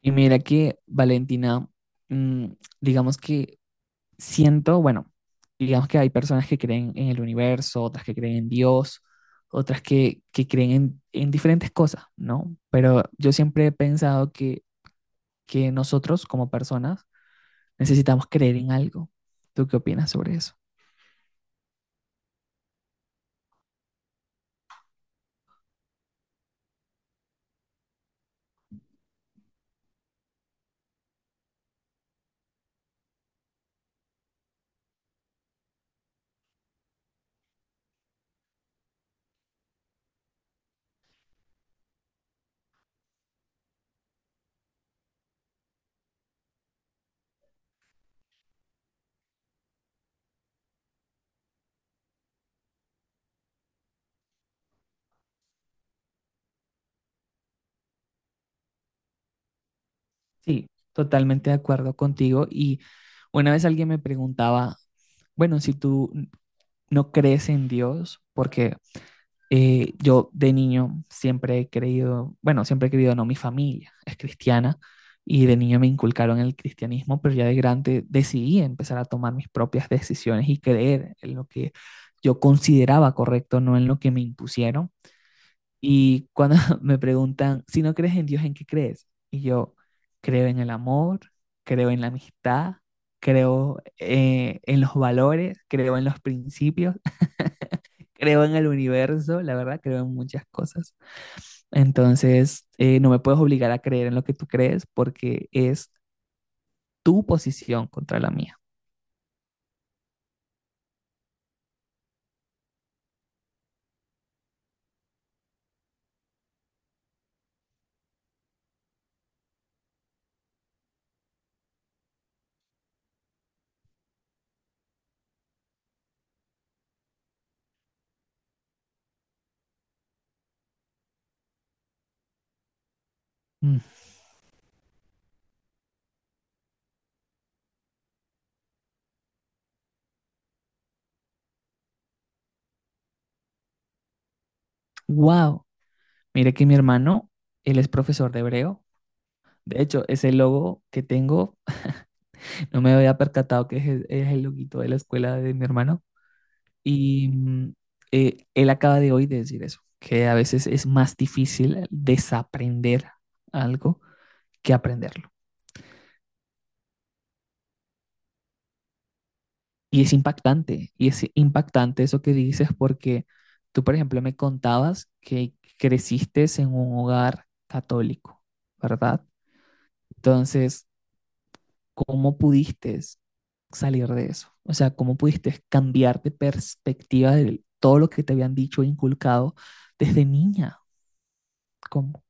Y mira que Valentina, mm, digamos que siento, bueno, digamos que hay personas que creen en el universo, otras que creen en Dios, otras que creen en diferentes cosas, ¿no? Pero yo siempre he pensado que nosotros como personas necesitamos creer en algo. ¿Tú qué opinas sobre eso? Sí, totalmente de acuerdo contigo. Y una vez alguien me preguntaba, bueno, si tú no crees en Dios, porque yo de niño siempre he creído, bueno, siempre he creído, no, mi familia es cristiana y de niño me inculcaron el cristianismo, pero ya de grande decidí empezar a tomar mis propias decisiones y creer en lo que yo consideraba correcto, no en lo que me impusieron. Y cuando me preguntan, si no crees en Dios, ¿en qué crees? Y yo creo en el amor, creo en la amistad, creo en los valores, creo en los principios, creo en el universo, la verdad, creo en muchas cosas. Entonces, no me puedes obligar a creer en lo que tú crees porque es tu posición contra la mía. Mm. Wow. Mire que mi hermano, él es profesor de hebreo. De hecho, ese logo que tengo, no me había percatado que es, es el loguito de la escuela de mi hermano. Y él acaba de hoy de decir eso, que a veces es más difícil desaprender algo que aprenderlo. Y es impactante eso que dices porque tú, por ejemplo, me contabas que creciste en un hogar católico, ¿verdad? Entonces, ¿cómo pudiste salir de eso? O sea, ¿cómo pudiste cambiar de perspectiva de todo lo que te habían dicho e inculcado desde niña? ¿Cómo?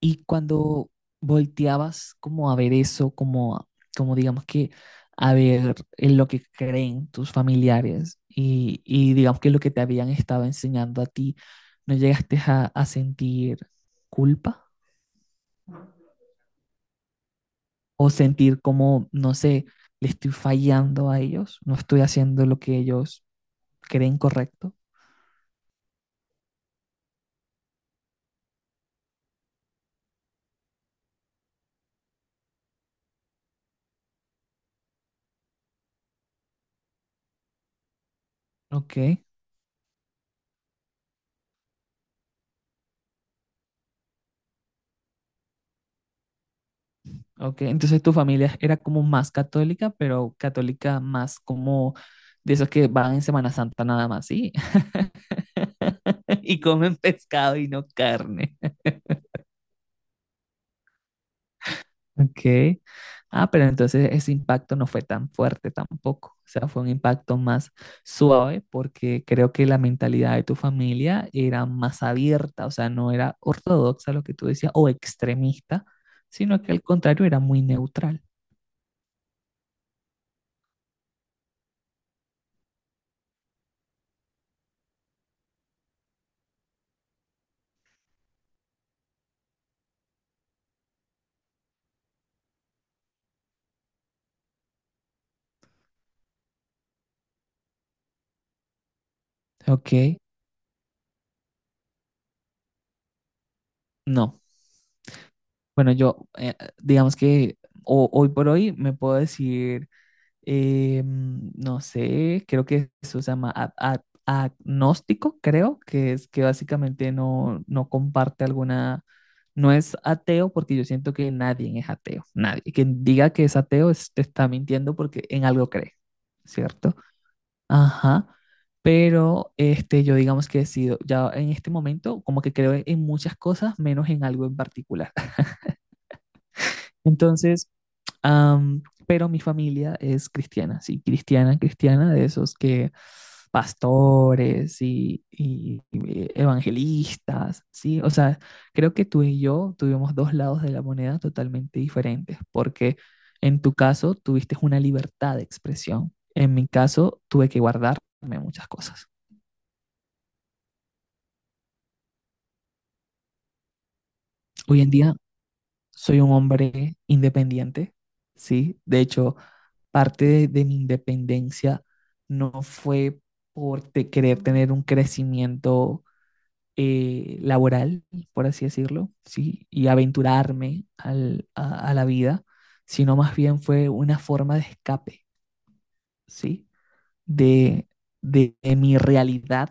Y cuando volteabas como a ver eso, como, como digamos que a ver en lo que creen tus familiares y digamos que lo que te habían estado enseñando a ti, ¿no llegaste a sentir culpa o sentir como, no sé, le estoy fallando a ellos, no estoy haciendo lo que ellos creen correcto? Ok. Ok, entonces tu familia era como más católica, pero católica más como de esos que van en Semana Santa nada más, ¿sí? Y comen pescado y no carne. Ok. Ah, pero entonces ese impacto no fue tan fuerte tampoco. O sea, fue un impacto más suave porque creo que la mentalidad de tu familia era más abierta, o sea, no era ortodoxa lo que tú decías o extremista, sino que al contrario era muy neutral. Ok. No. Bueno, yo, digamos que hoy por hoy me puedo decir, no sé, creo que eso se llama agnóstico, creo, que es que básicamente no comparte alguna, no es ateo porque yo siento que nadie es ateo, nadie. Quien diga que es ateo te está mintiendo porque en algo cree, ¿cierto? Ajá. Pero este, yo digamos que he sido, ya en este momento, como que creo en muchas cosas, menos en algo en particular. Entonces, Am, pero mi familia es cristiana, sí, cristiana, cristiana, de esos que pastores y evangelistas, sí. O sea, creo que tú y yo tuvimos dos lados de la moneda totalmente diferentes, porque en tu caso tuviste una libertad de expresión, en mi caso tuve que guardarme muchas cosas. Hoy en día soy un hombre independiente, ¿sí? De hecho, parte de mi independencia no fue por querer tener un crecimiento laboral, por así decirlo, ¿sí? Y aventurarme a la vida, sino más bien fue una forma de escape, ¿sí? De, de mi realidad,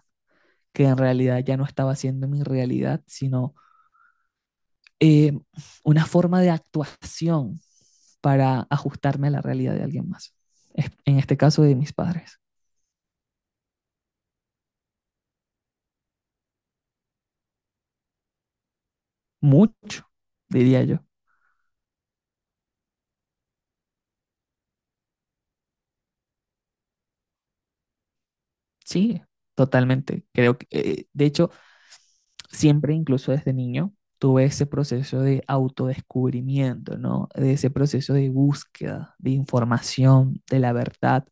que en realidad ya no estaba siendo mi realidad, sino eh, una forma de actuación para ajustarme a la realidad de alguien más. En este caso de mis padres. Mucho, diría yo. Sí, totalmente. Creo que, de hecho, siempre, incluso desde niño, tuve ese proceso de autodescubrimiento, ¿no? De ese proceso de búsqueda, de información, de la verdad.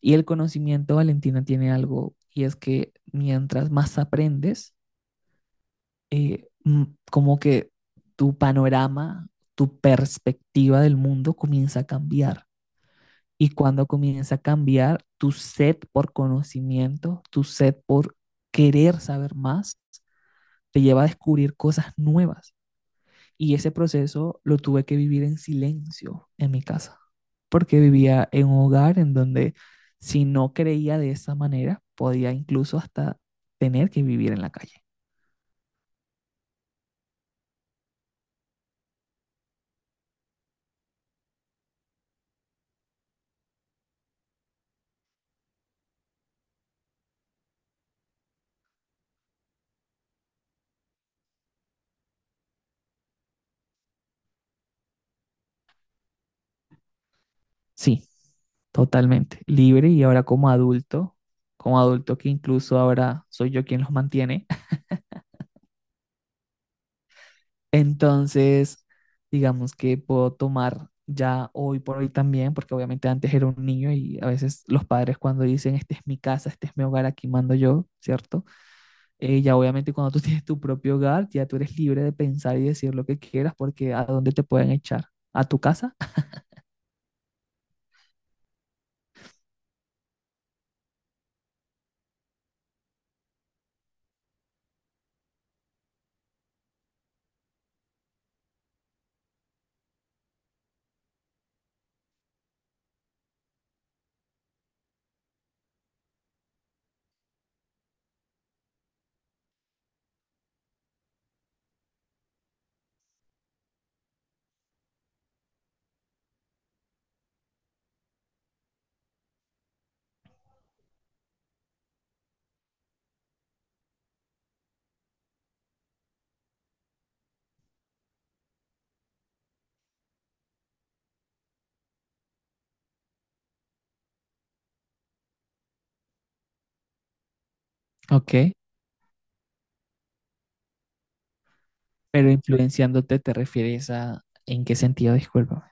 Y el conocimiento, Valentina, tiene algo, y es que mientras más aprendes, eh, mm, como que tu panorama, tu perspectiva del mundo comienza a cambiar. Y cuando comienza a cambiar, tu sed por conocimiento, tu sed por querer saber más, te lleva a descubrir cosas nuevas. Y ese proceso lo tuve que vivir en silencio en mi casa, porque vivía en un hogar en donde si no creía de esa manera, podía incluso hasta tener que vivir en la calle. Sí, totalmente. Libre y ahora como adulto que incluso ahora soy yo quien los mantiene. Entonces, digamos que puedo tomar ya hoy por hoy también, porque obviamente antes era un niño y a veces los padres cuando dicen, este es mi casa, este es mi hogar, aquí mando yo, ¿cierto? Ya obviamente cuando tú tienes tu propio hogar, ya tú eres libre de pensar y decir lo que quieras, porque ¿a dónde te pueden echar? ¿A tu casa? Ok, pero influenciándote te refieres a, ¿en qué sentido? Discúlpame.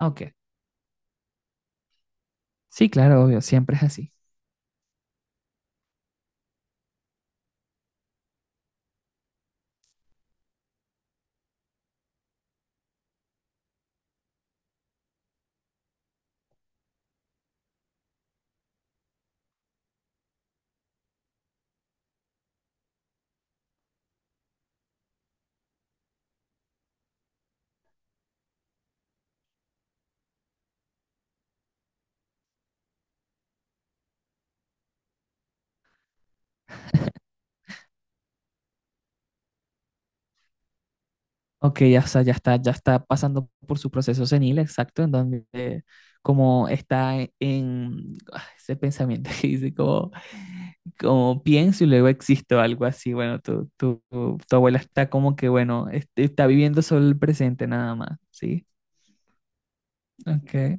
Ok. Sí, claro, obvio, siempre es así. Ok, ya, está, ya está, ya está pasando por su proceso senil, exacto, en donde como está ese pensamiento que dice como, como pienso y luego existo, algo así, bueno, tu abuela está como que, bueno, este, está viviendo solo el presente nada más, ¿sí? Ok,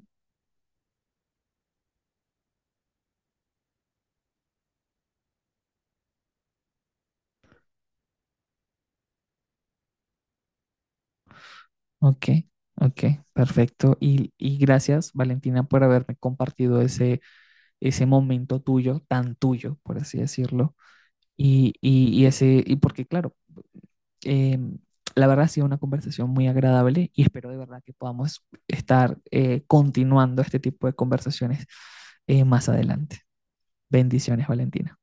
ok, ok, perfecto. Y gracias, Valentina, por haberme compartido ese, ese momento tuyo, tan tuyo, por así decirlo. Y ese, y porque claro, eh, la verdad ha sido una conversación muy agradable y espero de verdad que podamos estar continuando este tipo de conversaciones más adelante. Bendiciones, Valentina.